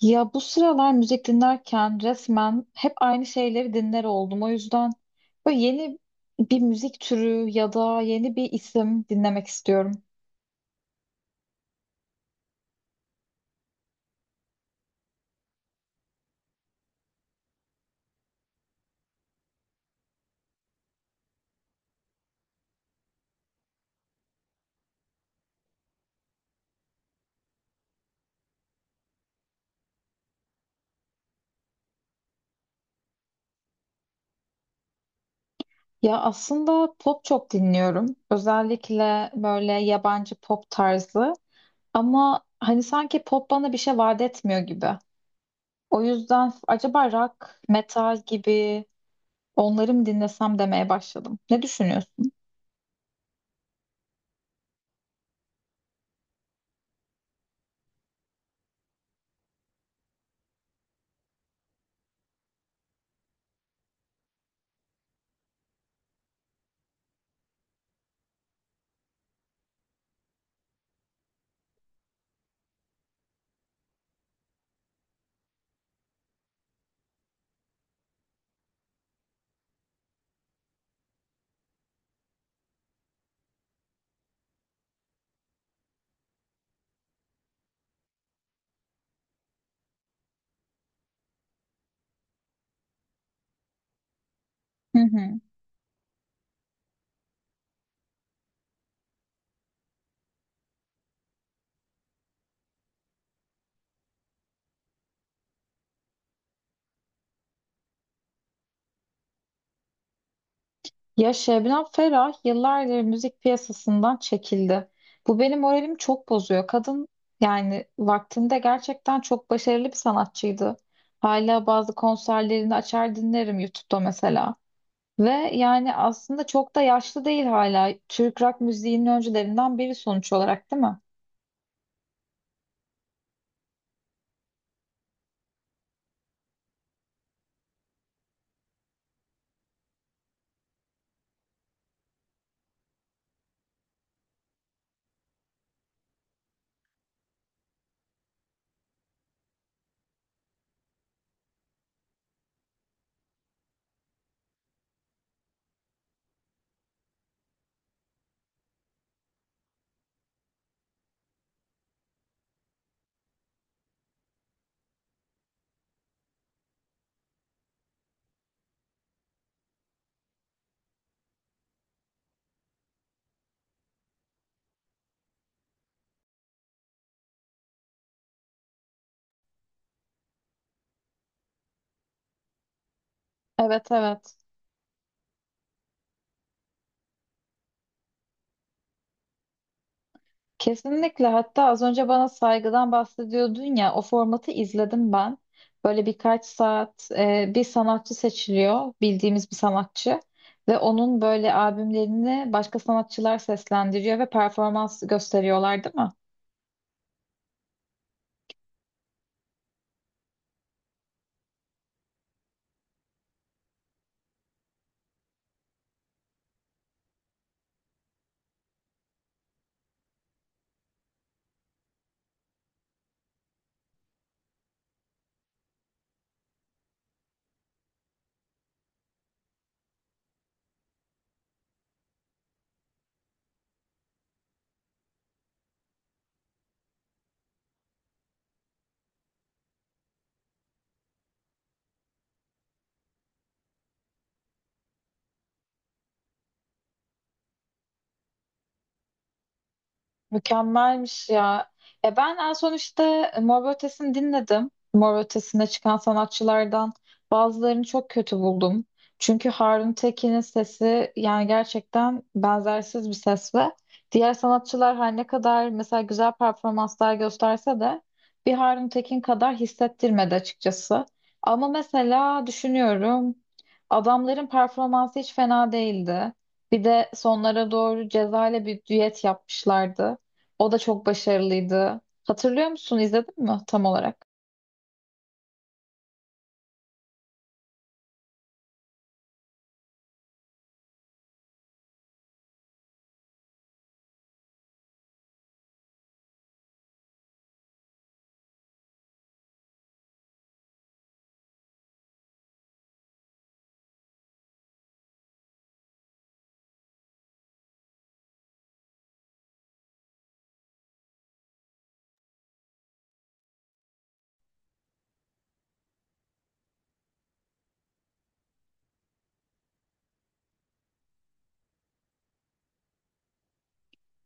Ya bu sıralar müzik dinlerken resmen hep aynı şeyleri dinler oldum. O yüzden böyle yeni bir müzik türü ya da yeni bir isim dinlemek istiyorum. Ya aslında pop çok dinliyorum. Özellikle böyle yabancı pop tarzı. Ama hani sanki pop bana bir şey vaat etmiyor gibi. O yüzden acaba rock, metal gibi onları mı dinlesem demeye başladım. Ne düşünüyorsun? Hı hı. Ya Şebnem Ferah yıllardır müzik piyasasından çekildi. Bu benim moralimi çok bozuyor. Kadın yani vaktinde gerçekten çok başarılı bir sanatçıydı. Hala bazı konserlerini açar dinlerim YouTube'da mesela. Ve yani aslında çok da yaşlı değil hala. Türk rock müziğinin öncülerinden biri sonuç olarak değil mi? Evet, evet. Kesinlikle, hatta az önce bana saygıdan bahsediyordun ya, o formatı izledim ben. Böyle birkaç saat bir sanatçı seçiliyor, bildiğimiz bir sanatçı, ve onun böyle albümlerini başka sanatçılar seslendiriyor ve performans gösteriyorlar değil mi? Mükemmelmiş ya. E ben en son işte Mor ve Ötesi'ni dinledim. Mor ve Ötesi'ne çıkan sanatçılardan bazılarını çok kötü buldum. Çünkü Harun Tekin'in sesi yani gerçekten benzersiz bir ses, ve diğer sanatçılar her ne kadar mesela güzel performanslar gösterse de bir Harun Tekin kadar hissettirmedi açıkçası. Ama mesela düşünüyorum, adamların performansı hiç fena değildi. Bir de sonlara doğru Ceza ile bir düet yapmışlardı. O da çok başarılıydı. Hatırlıyor musun? İzledin mi tam olarak?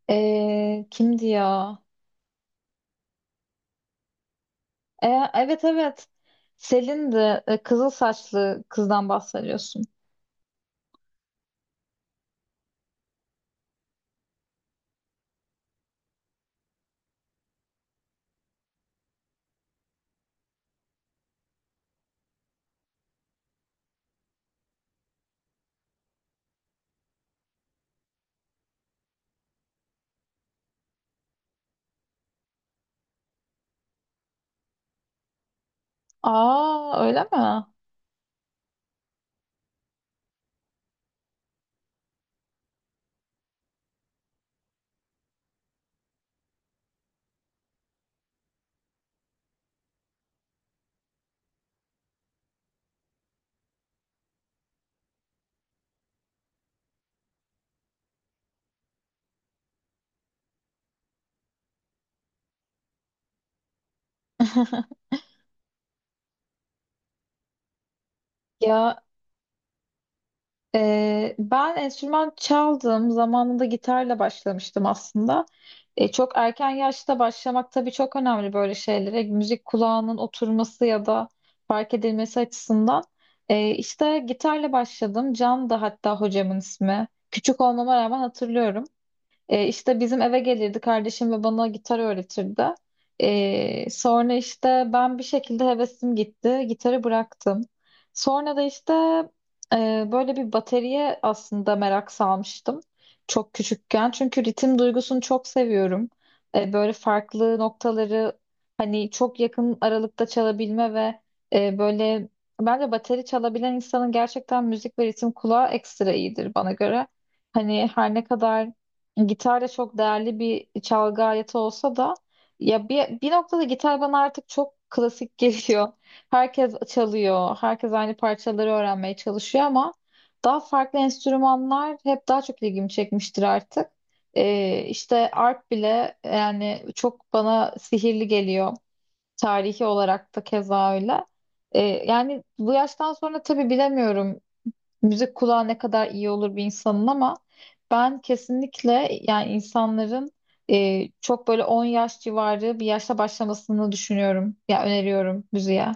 Kimdi ya? Evet, evet. Selin'di. Kızıl saçlı kızdan bahsediyorsun. Aa öyle mi? Ya ben enstrüman çaldım. Zamanında gitarla başlamıştım aslında. Çok erken yaşta başlamak tabii çok önemli böyle şeylere. Müzik kulağının oturması ya da fark edilmesi açısından. İşte gitarla başladım. Can da hatta hocamın ismi. Küçük olmama rağmen hatırlıyorum. İşte bizim eve gelirdi kardeşim ve bana gitar öğretirdi. Sonra işte ben bir şekilde hevesim gitti. Gitarı bıraktım. Sonra da işte böyle bir bateriye aslında merak salmıştım. Çok küçükken. Çünkü ritim duygusunu çok seviyorum. Böyle farklı noktaları hani çok yakın aralıkta çalabilme ve böyle, bence bateri çalabilen insanın gerçekten müzik ve ritim kulağı ekstra iyidir bana göre. Hani her ne kadar gitar da çok değerli bir çalgı aleti olsa da ya bir noktada gitar bana artık çok klasik geliyor. Herkes çalıyor, herkes aynı parçaları öğrenmeye çalışıyor ama daha farklı enstrümanlar hep daha çok ilgimi çekmiştir artık. İşte arp bile yani çok bana sihirli geliyor. Tarihi olarak da keza öyle. Yani bu yaştan sonra tabii bilemiyorum müzik kulağı ne kadar iyi olur bir insanın, ama ben kesinlikle yani insanların çok böyle 10 yaş civarı bir yaşta başlamasını düşünüyorum. Ya öneriyorum müziğe.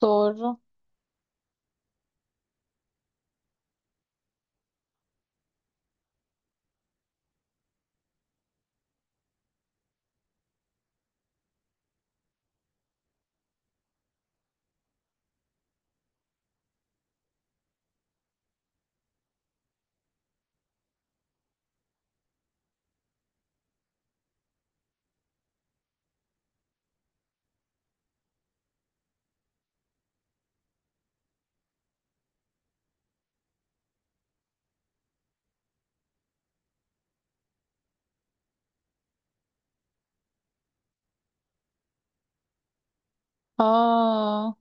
Doğru. Aa.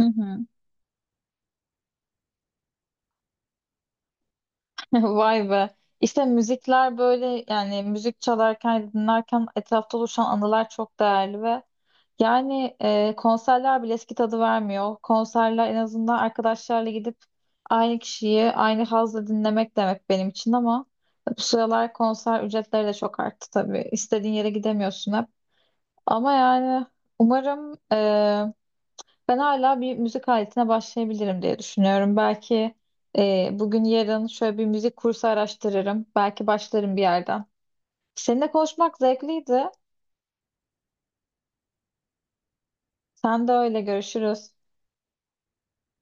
Hı hı. Vay be. İşte müzikler böyle yani, müzik çalarken dinlerken etrafta oluşan anılar çok değerli, ve yani konserler bile eski tadı vermiyor. Konserler en azından arkadaşlarla gidip aynı kişiyi aynı hazla dinlemek demek benim için, ama bu sıralar konser ücretleri de çok arttı tabii. İstediğin yere gidemiyorsun hep. Ama yani umarım ben hala bir müzik aletine başlayabilirim diye düşünüyorum. Belki bugün yarın şöyle bir müzik kursu araştırırım. Belki başlarım bir yerden. Seninle konuşmak zevkliydi. Sen de öyle, görüşürüz.